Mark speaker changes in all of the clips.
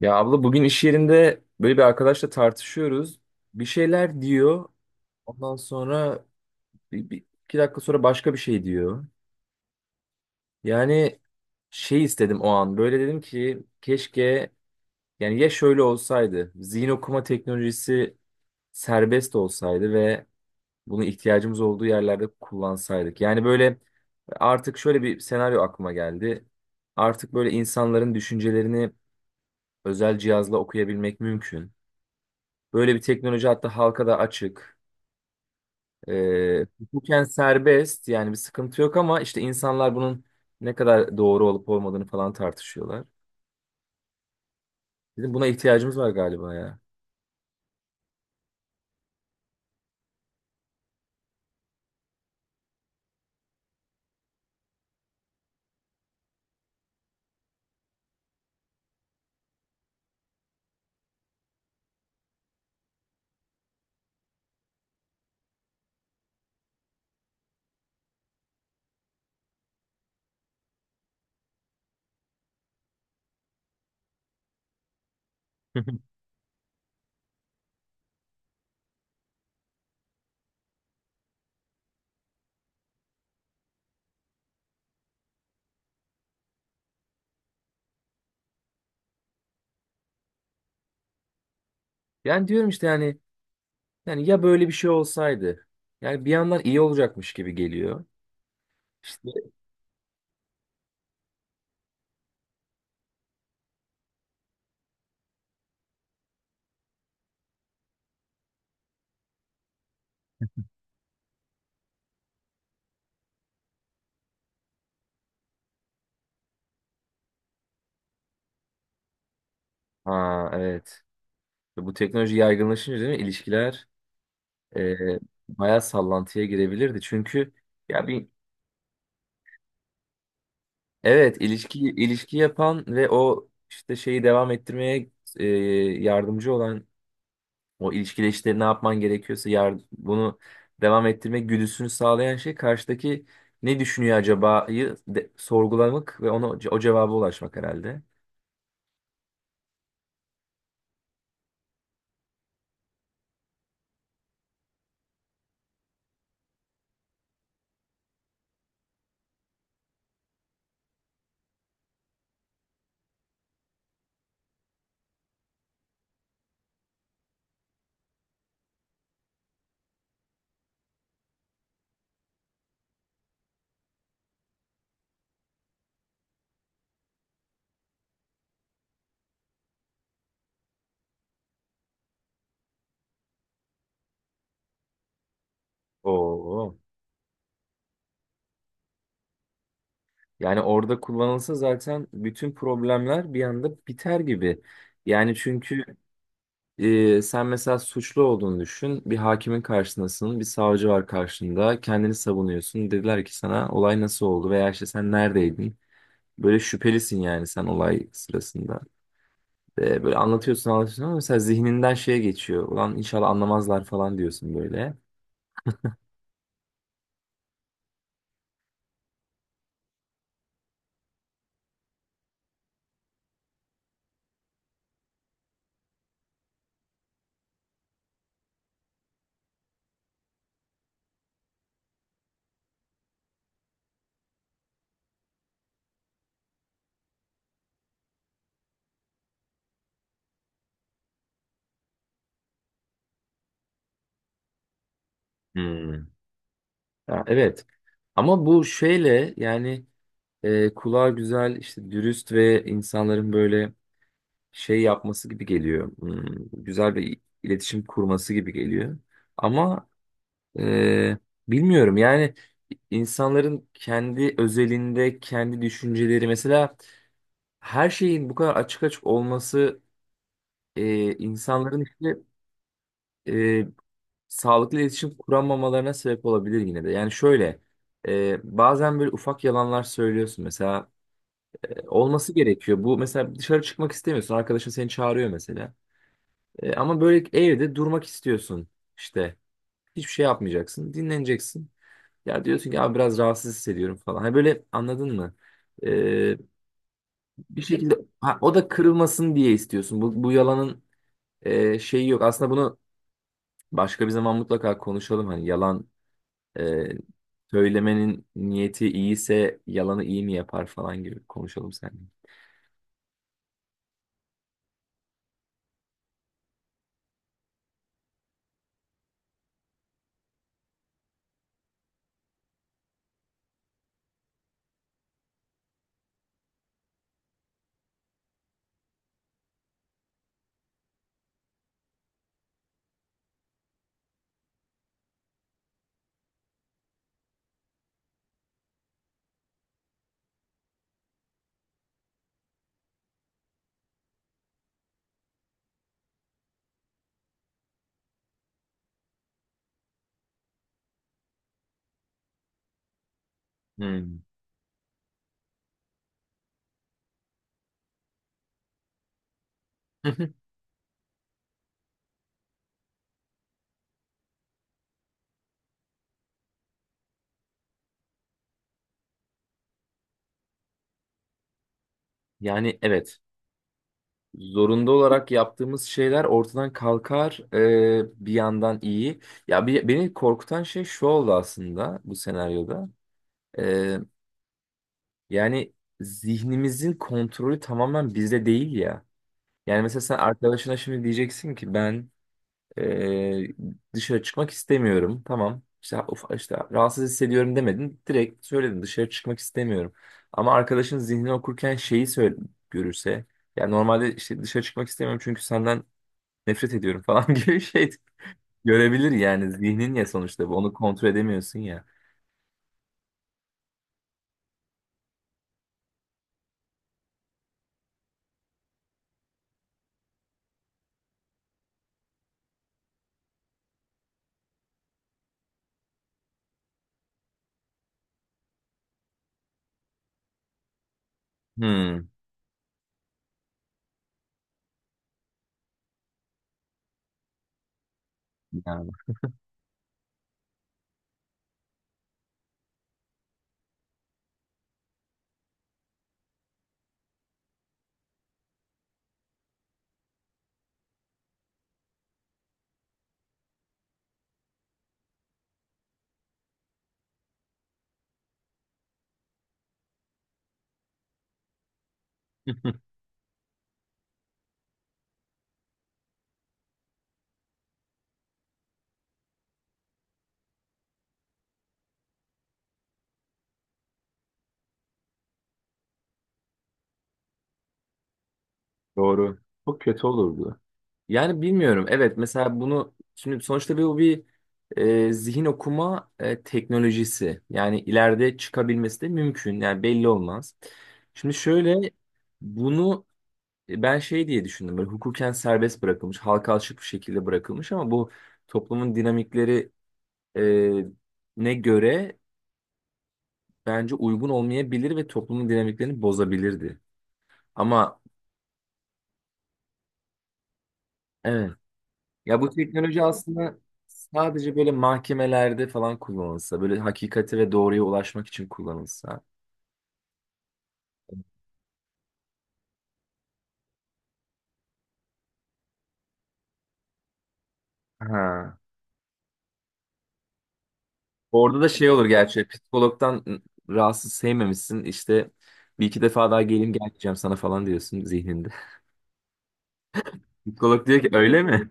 Speaker 1: Ya abla bugün iş yerinde böyle bir arkadaşla tartışıyoruz. Bir şeyler diyor. Ondan sonra iki dakika sonra başka bir şey diyor. Yani şey istedim o an. Böyle dedim ki keşke yani ya şöyle olsaydı. Zihin okuma teknolojisi serbest olsaydı ve bunu ihtiyacımız olduğu yerlerde kullansaydık. Yani böyle artık şöyle bir senaryo aklıma geldi. Artık böyle insanların düşüncelerini özel cihazla okuyabilmek mümkün. Böyle bir teknoloji hatta halka da açık. Hukuken serbest, yani bir sıkıntı yok, ama işte insanlar bunun ne kadar doğru olup olmadığını falan tartışıyorlar. Dedim buna ihtiyacımız var galiba ya. Yani diyorum işte yani ya böyle bir şey olsaydı. Yani bir yandan iyi olacakmış gibi geliyor. İşte, ha, evet. Bu teknoloji yaygınlaşınca, değil mi? İlişkiler e, bayağı sallantıya girebilirdi. Çünkü ya bir evet, ilişki ilişki yapan ve o işte şeyi devam ettirmeye e, yardımcı olan, o ilişkide işte ne yapman gerekiyorsa bunu devam ettirme güdüsünü sağlayan şey karşıdaki ne düşünüyor acaba'yı sorgulamak ve ona o cevaba ulaşmak herhalde. Oo. Yani orada kullanılsa zaten bütün problemler bir anda biter gibi. Yani çünkü sen mesela suçlu olduğunu düşün. Bir hakimin karşısındasın, bir savcı var karşında. Kendini savunuyorsun. Dediler ki sana olay nasıl oldu veya işte sen neredeydin? Böyle şüphelisin yani sen olay sırasında. Böyle anlatıyorsun anlatıyorsun ama mesela zihninden şeye geçiyor. Ulan inşallah anlamazlar falan diyorsun böyle. Hmm. Ya, evet. Ama bu şeyle yani kulağa güzel, işte dürüst ve insanların böyle şey yapması gibi geliyor. Güzel bir iletişim kurması gibi geliyor. Ama e, bilmiyorum yani, insanların kendi özelinde kendi düşünceleri mesela, her şeyin bu kadar açık açık olması insanların işte e, sağlıklı iletişim kuramamalarına sebep olabilir yine de. Yani şöyle, bazen böyle ufak yalanlar söylüyorsun mesela, olması gerekiyor. Bu mesela, dışarı çıkmak istemiyorsun, arkadaşın seni çağırıyor mesela. Ama böyle evde durmak istiyorsun işte. Hiçbir şey yapmayacaksın. Dinleneceksin. Ya diyorsun ki abi, biraz rahatsız hissediyorum falan. Hani, böyle anladın mı? E, Bir şekilde, ha, o da kırılmasın diye istiyorsun. Bu yalanın şeyi yok. Aslında bunu başka bir zaman mutlaka konuşalım. Hani, yalan e, söylemenin niyeti iyiyse yalanı iyi mi yapar falan gibi konuşalım seninle. Hmm. Yani, evet. Zorunda olarak yaptığımız şeyler ortadan kalkar, bir yandan iyi. Ya beni korkutan şey şu oldu aslında bu senaryoda. E, Yani zihnimizin kontrolü tamamen bizde değil ya. Yani mesela, sen arkadaşına şimdi diyeceksin ki ben e, dışarı çıkmak istemiyorum. Tamam işte, of, işte rahatsız hissediyorum demedin. Direkt söyledin, dışarı çıkmak istemiyorum. Ama arkadaşın zihnini okurken şeyi söyle, görürse. Yani normalde, işte dışarı çıkmak istemiyorum çünkü senden nefret ediyorum falan gibi bir şey görebilir yani. Zihnin ya, sonuçta bu, onu kontrol edemiyorsun ya. Hmm, yani. Doğru. Çok kötü olurdu. Yani bilmiyorum. Evet, mesela bunu şimdi, sonuçta bu bir zihin okuma teknolojisi. Yani ileride çıkabilmesi de mümkün. Yani belli olmaz. Şimdi şöyle, bunu ben şey diye düşündüm. Böyle hukuken serbest bırakılmış, halka açık bir şekilde bırakılmış, ama bu toplumun dinamikleri e, ne göre bence uygun olmayabilir ve toplumun dinamiklerini bozabilirdi. Ama evet. Ya, bu teknoloji aslında sadece böyle mahkemelerde falan kullanılsa, böyle hakikati ve doğruya ulaşmak için kullanılsa. Ha. Orada da şey olur gerçi, psikologdan rahatsız, sevmemişsin, işte bir iki defa daha geleyim, gelmeyeceğim sana falan diyorsun zihninde. Psikolog diyor ki öyle mi?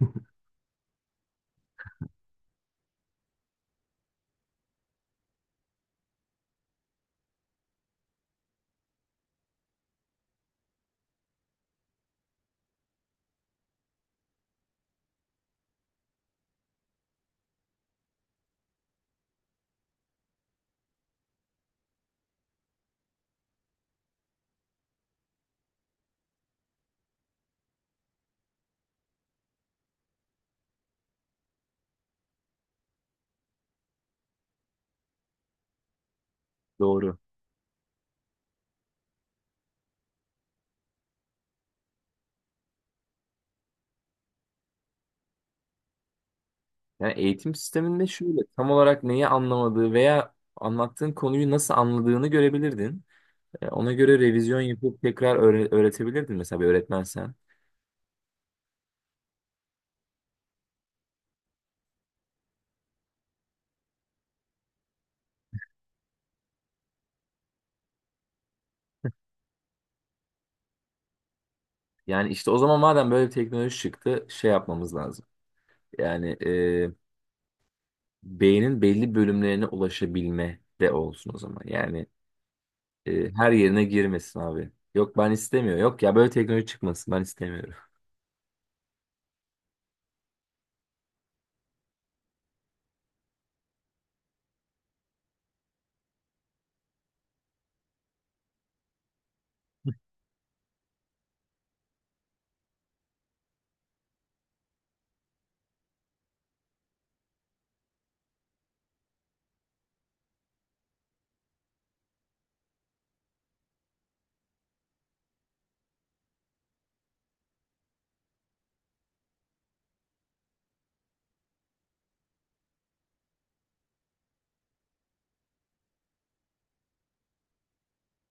Speaker 1: Doğru. Yani eğitim sisteminde şöyle, tam olarak neyi anlamadığı veya anlattığın konuyu nasıl anladığını görebilirdin. Ya ona göre revizyon yapıp tekrar öğretebilirdin mesela, bir öğretmensen. Yani işte, o zaman madem böyle bir teknoloji çıktı, şey yapmamız lazım. Yani beynin belli bölümlerine ulaşabilme de olsun o zaman. Yani her yerine girmesin abi. Yok, ben istemiyorum. Yok ya, böyle teknoloji çıkmasın, ben istemiyorum.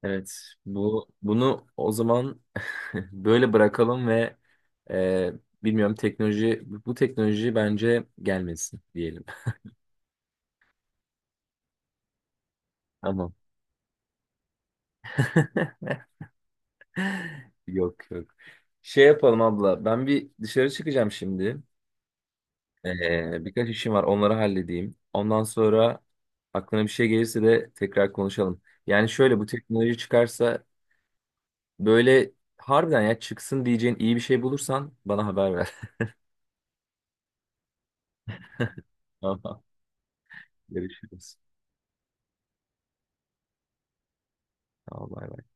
Speaker 1: Evet, bu bunu o zaman böyle bırakalım ve e, bilmiyorum, teknoloji, bu teknoloji bence gelmesin diyelim. Tamam. Yok, yok. Şey yapalım abla. Ben bir dışarı çıkacağım şimdi. Birkaç işim var. Onları halledeyim. Ondan sonra aklına bir şey gelirse de tekrar konuşalım. Yani şöyle, bu teknoloji çıkarsa böyle, harbiden ya çıksın diyeceğin iyi bir şey bulursan bana haber ver. Tamam. Görüşürüz. Tamam. Bay bay.